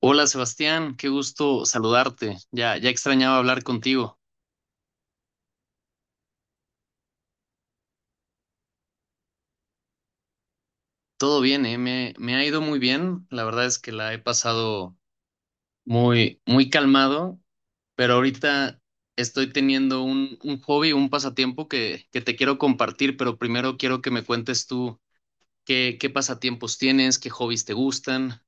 Hola Sebastián, qué gusto saludarte. Ya, ya extrañaba hablar contigo. Todo bien, ¿eh? Me ha ido muy bien. La verdad es que la he pasado muy, muy calmado, pero ahorita estoy teniendo un hobby, un pasatiempo que te quiero compartir, pero primero quiero que me cuentes tú qué pasatiempos tienes, qué hobbies te gustan.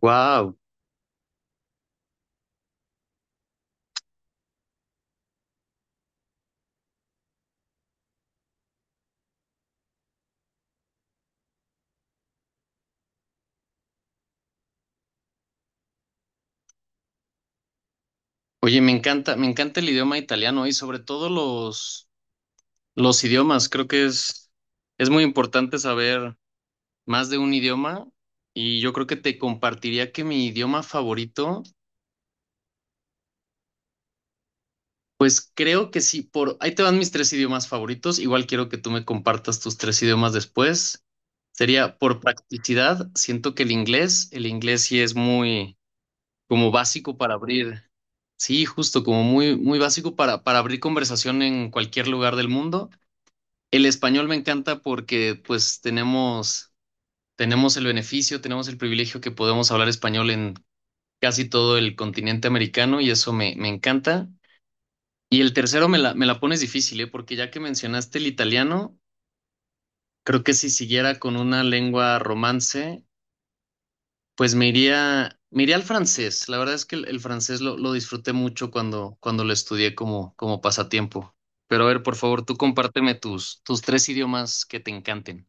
Wow. Oye, me encanta el idioma italiano y sobre todo los idiomas. Creo que es muy importante saber más de un idioma y yo creo que te compartiría que mi idioma favorito, creo que sí, por ahí te van mis tres idiomas favoritos, igual quiero que tú me compartas tus tres idiomas después. Sería por practicidad, siento que el inglés sí es muy como básico para abrir, sí, justo como muy muy básico para abrir conversación en cualquier lugar del mundo. El español me encanta porque pues tenemos el beneficio, tenemos el privilegio que podemos hablar español en casi todo el continente americano y eso me encanta. Y el tercero me la pones difícil, ¿eh? Porque ya que mencionaste el italiano, creo que si siguiera con una lengua romance, pues me iría al francés. La verdad es que el francés lo disfruté mucho cuando lo estudié como pasatiempo. Pero a ver, por favor, tú compárteme tus tres idiomas que te encanten.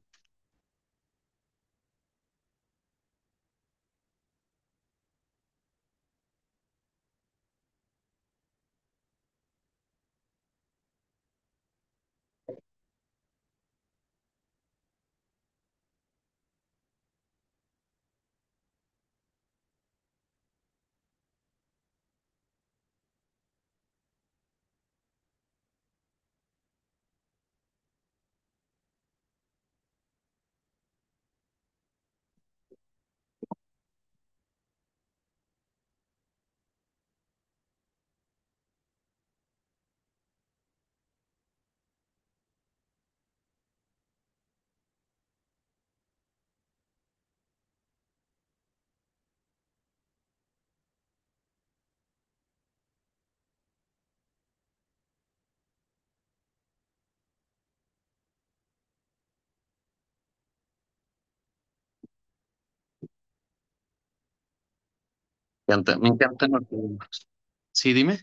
Me encanta, me encantan los idiomas. Sí, dime.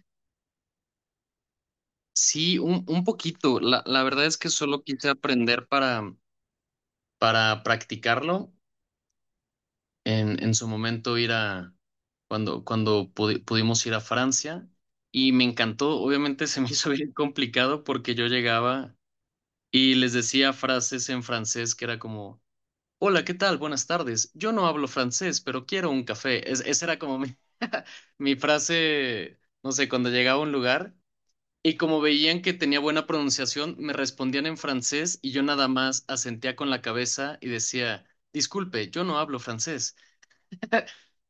Sí, un poquito. La verdad es que solo quise aprender para practicarlo en su momento ir a, cuando pudimos ir a Francia y me encantó, obviamente se me hizo bien complicado porque yo llegaba y les decía frases en francés que era como, hola, ¿qué tal? Buenas tardes. Yo no hablo francés, pero quiero un café. Esa era como mi, mi frase, no sé, cuando llegaba a un lugar. Y como veían que tenía buena pronunciación, me respondían en francés y yo nada más asentía con la cabeza y decía, disculpe, yo no hablo francés.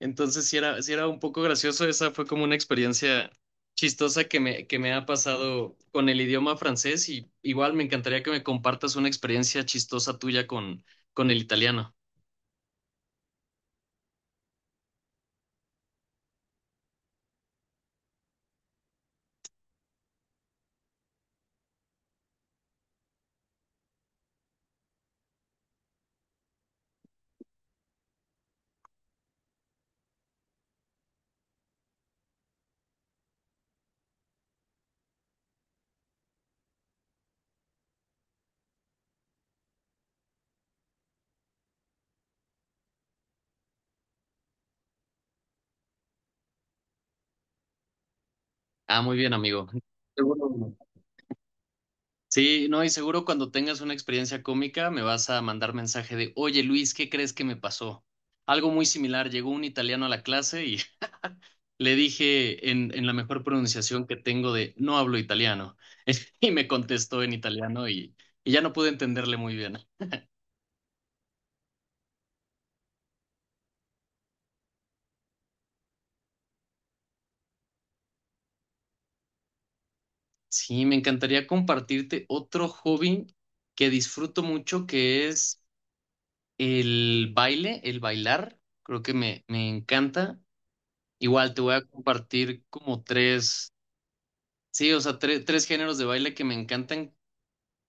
Entonces sí era un poco gracioso, esa fue como una experiencia chistosa que me ha pasado con el idioma francés y igual me encantaría que me compartas una experiencia chistosa tuya con el italiano. Ah, muy bien, amigo. Seguro. Sí, no, y seguro cuando tengas una experiencia cómica me vas a mandar mensaje de, oye Luis, ¿qué crees que me pasó? Algo muy similar, llegó un italiano a la clase. Le dije en la mejor pronunciación que tengo de no hablo italiano. Y me contestó en italiano y ya no pude entenderle muy bien. Sí, me encantaría compartirte otro hobby que disfruto mucho, que es el baile, el bailar. Creo que me encanta. Igual te voy a compartir como tres, sí, o sea, tres géneros de baile que me encantan,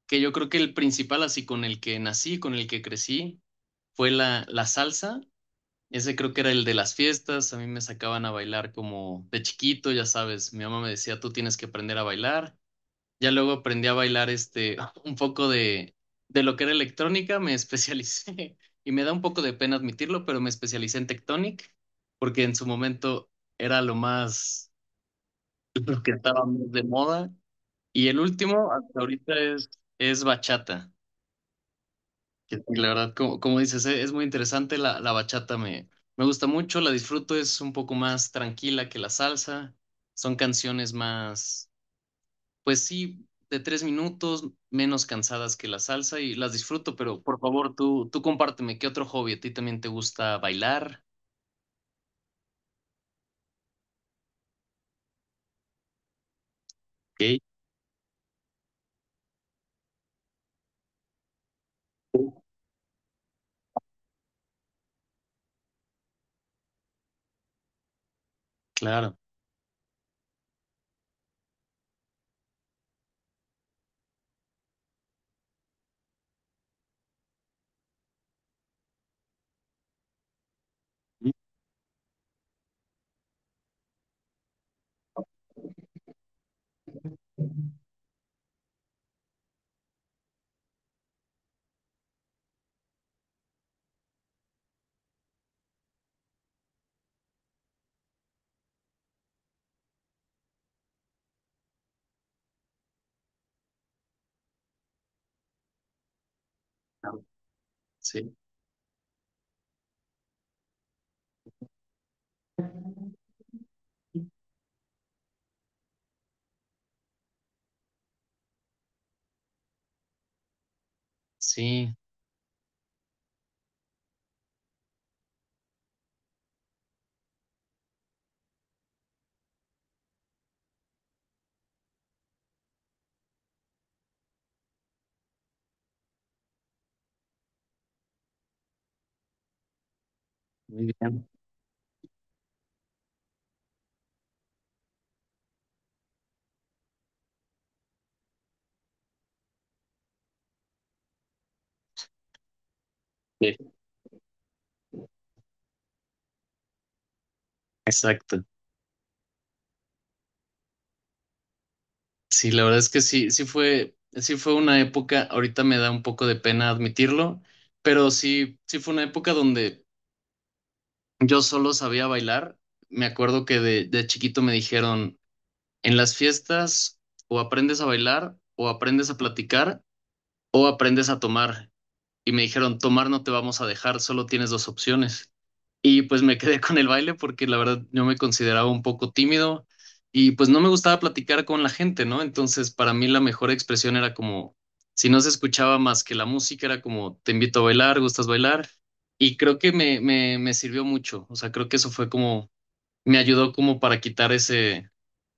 que yo creo que el principal, así con el que nací, con el que crecí, fue la salsa. Ese creo que era el de las fiestas, a mí me sacaban a bailar como de chiquito, ya sabes, mi mamá me decía, tú tienes que aprender a bailar. Ya luego aprendí a bailar un poco de lo que era electrónica, me especialicé y me da un poco de pena admitirlo, pero me especialicé en Tectonic porque en su momento era lo que estaba más de moda y el último hasta ahorita es bachata. Que sí, la verdad, como dices, es muy interesante. La bachata me gusta mucho, la disfruto, es un poco más tranquila que la salsa. Son canciones más, pues sí, de 3 minutos, menos cansadas que la salsa y las disfruto, pero por favor, tú compárteme, ¿qué otro hobby? ¿A ti también te gusta bailar? Ok, claro. Sí, sí, muy bien. Sí, exacto. Sí, la verdad es que sí, sí fue una época, ahorita me da un poco de pena admitirlo, pero sí, sí fue una época donde yo solo sabía bailar. Me acuerdo que de chiquito me dijeron, en las fiestas o aprendes a bailar, o aprendes a platicar, o aprendes a tomar. Y me dijeron, tomar no te vamos a dejar, solo tienes dos opciones. Y pues me quedé con el baile porque la verdad yo me consideraba un poco tímido y pues no me gustaba platicar con la gente, ¿no? Entonces para mí la mejor expresión era como, si no se escuchaba más que la música, era como, te invito a bailar, ¿gustas bailar? Y creo que me sirvió mucho, o sea, creo que eso fue como, me ayudó como para quitar ese,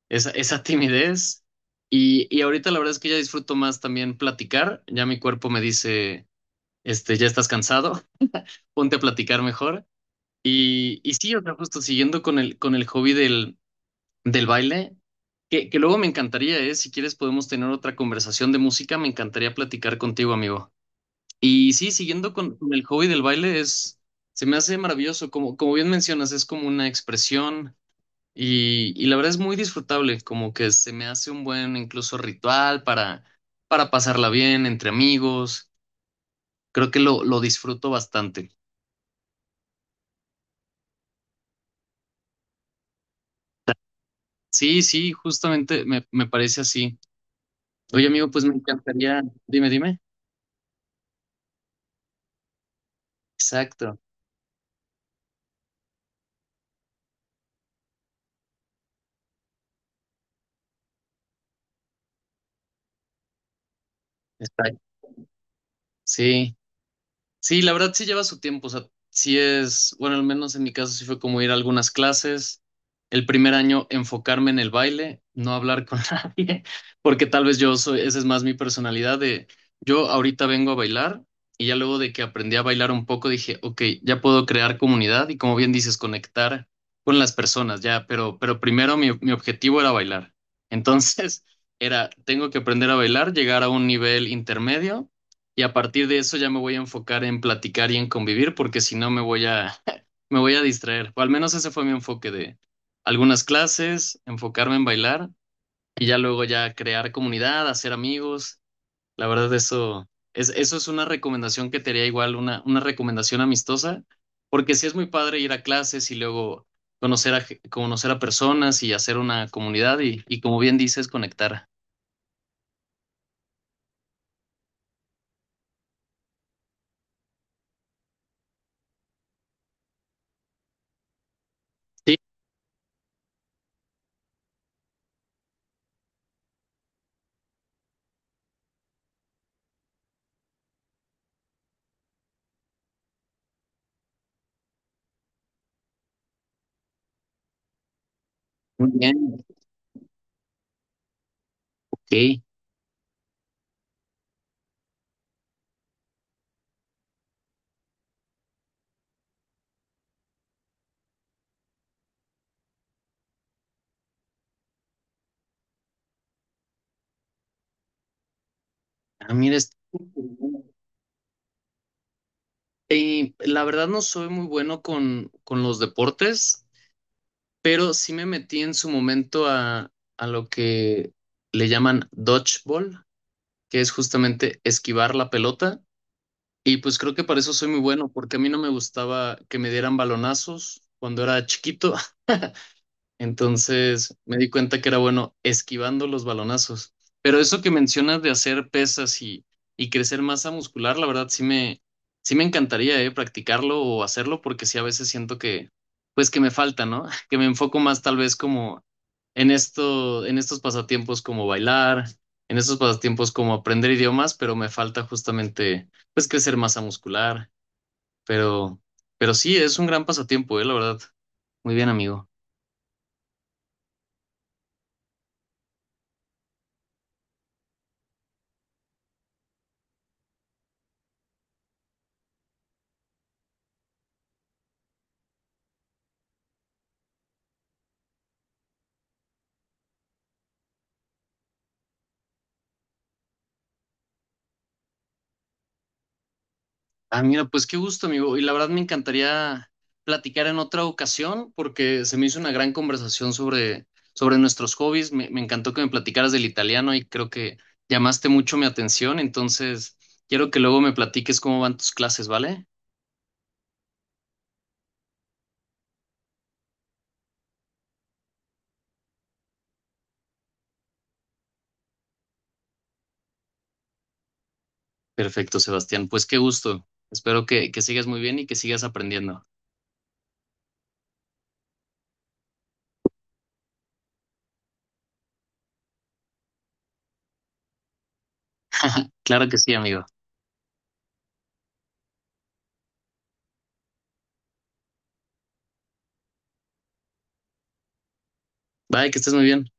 esa, esa timidez. Y ahorita la verdad es que ya disfruto más también platicar, ya mi cuerpo me dice, ya estás cansado, ponte a platicar mejor. Y sí, o sea, justo siguiendo con el hobby del baile, que luego me encantaría, ¿eh? Si quieres podemos tener otra conversación de música, me encantaría platicar contigo, amigo. Y sí, siguiendo con el hobby del baile, es, se me hace maravilloso, como bien mencionas, es como una expresión y la verdad es muy disfrutable, como que se me hace un buen incluso ritual para pasarla bien entre amigos, creo que lo disfruto bastante. Sí, sí, justamente me parece así. Oye, amigo, pues me encantaría. Dime, dime. Exacto. Está. Sí. Sí, la verdad sí lleva su tiempo, o sea, sí es, bueno, al menos en mi caso sí fue como ir a algunas clases, el primer año enfocarme en el baile, no hablar con nadie, porque tal vez yo soy, esa es más mi personalidad de, yo ahorita vengo a bailar y ya luego de que aprendí a bailar un poco dije, ok, ya puedo crear comunidad y como bien dices, conectar con las personas, ya, pero primero mi objetivo era bailar. Entonces era, tengo que aprender a bailar, llegar a un nivel intermedio y a partir de eso ya me voy a enfocar en platicar y en convivir, porque si no me voy a, me voy a distraer. O al menos ese fue mi enfoque de algunas clases, enfocarme en bailar y ya luego ya crear comunidad, hacer amigos. La verdad, eso es una recomendación que te haría igual, una recomendación amistosa, porque sí es muy padre ir a clases y luego conocer a personas y hacer una comunidad y como bien dices, conectar. Sí, muy bien. Ok. Ah, mira, esto. Y la verdad no soy muy bueno con los deportes, pero sí me metí en su momento a lo que le llaman dodgeball, que es justamente esquivar la pelota. Y pues creo que para eso soy muy bueno, porque a mí no me gustaba que me dieran balonazos cuando era chiquito. Entonces me di cuenta que era bueno esquivando los balonazos. Pero eso que mencionas de hacer pesas y crecer masa muscular, la verdad sí me encantaría practicarlo o hacerlo porque sí a veces siento que, pues que me falta, ¿no? Que me enfoco más tal vez como en esto, en estos pasatiempos como bailar, en estos pasatiempos como aprender idiomas, pero me falta justamente pues crecer masa muscular. Pero, pero sí, es un gran pasatiempo, la verdad. Muy bien, amigo. Ah, mira, pues qué gusto, amigo. Y la verdad me encantaría platicar en otra ocasión porque se me hizo una gran conversación sobre nuestros hobbies. Me encantó que me platicaras del italiano y creo que llamaste mucho mi atención. Entonces, quiero que luego me platiques cómo van tus clases, ¿vale? Perfecto, Sebastián. Pues qué gusto. Espero que sigas muy bien y que sigas aprendiendo. Claro que sí, amigo. Bye, que estés muy bien.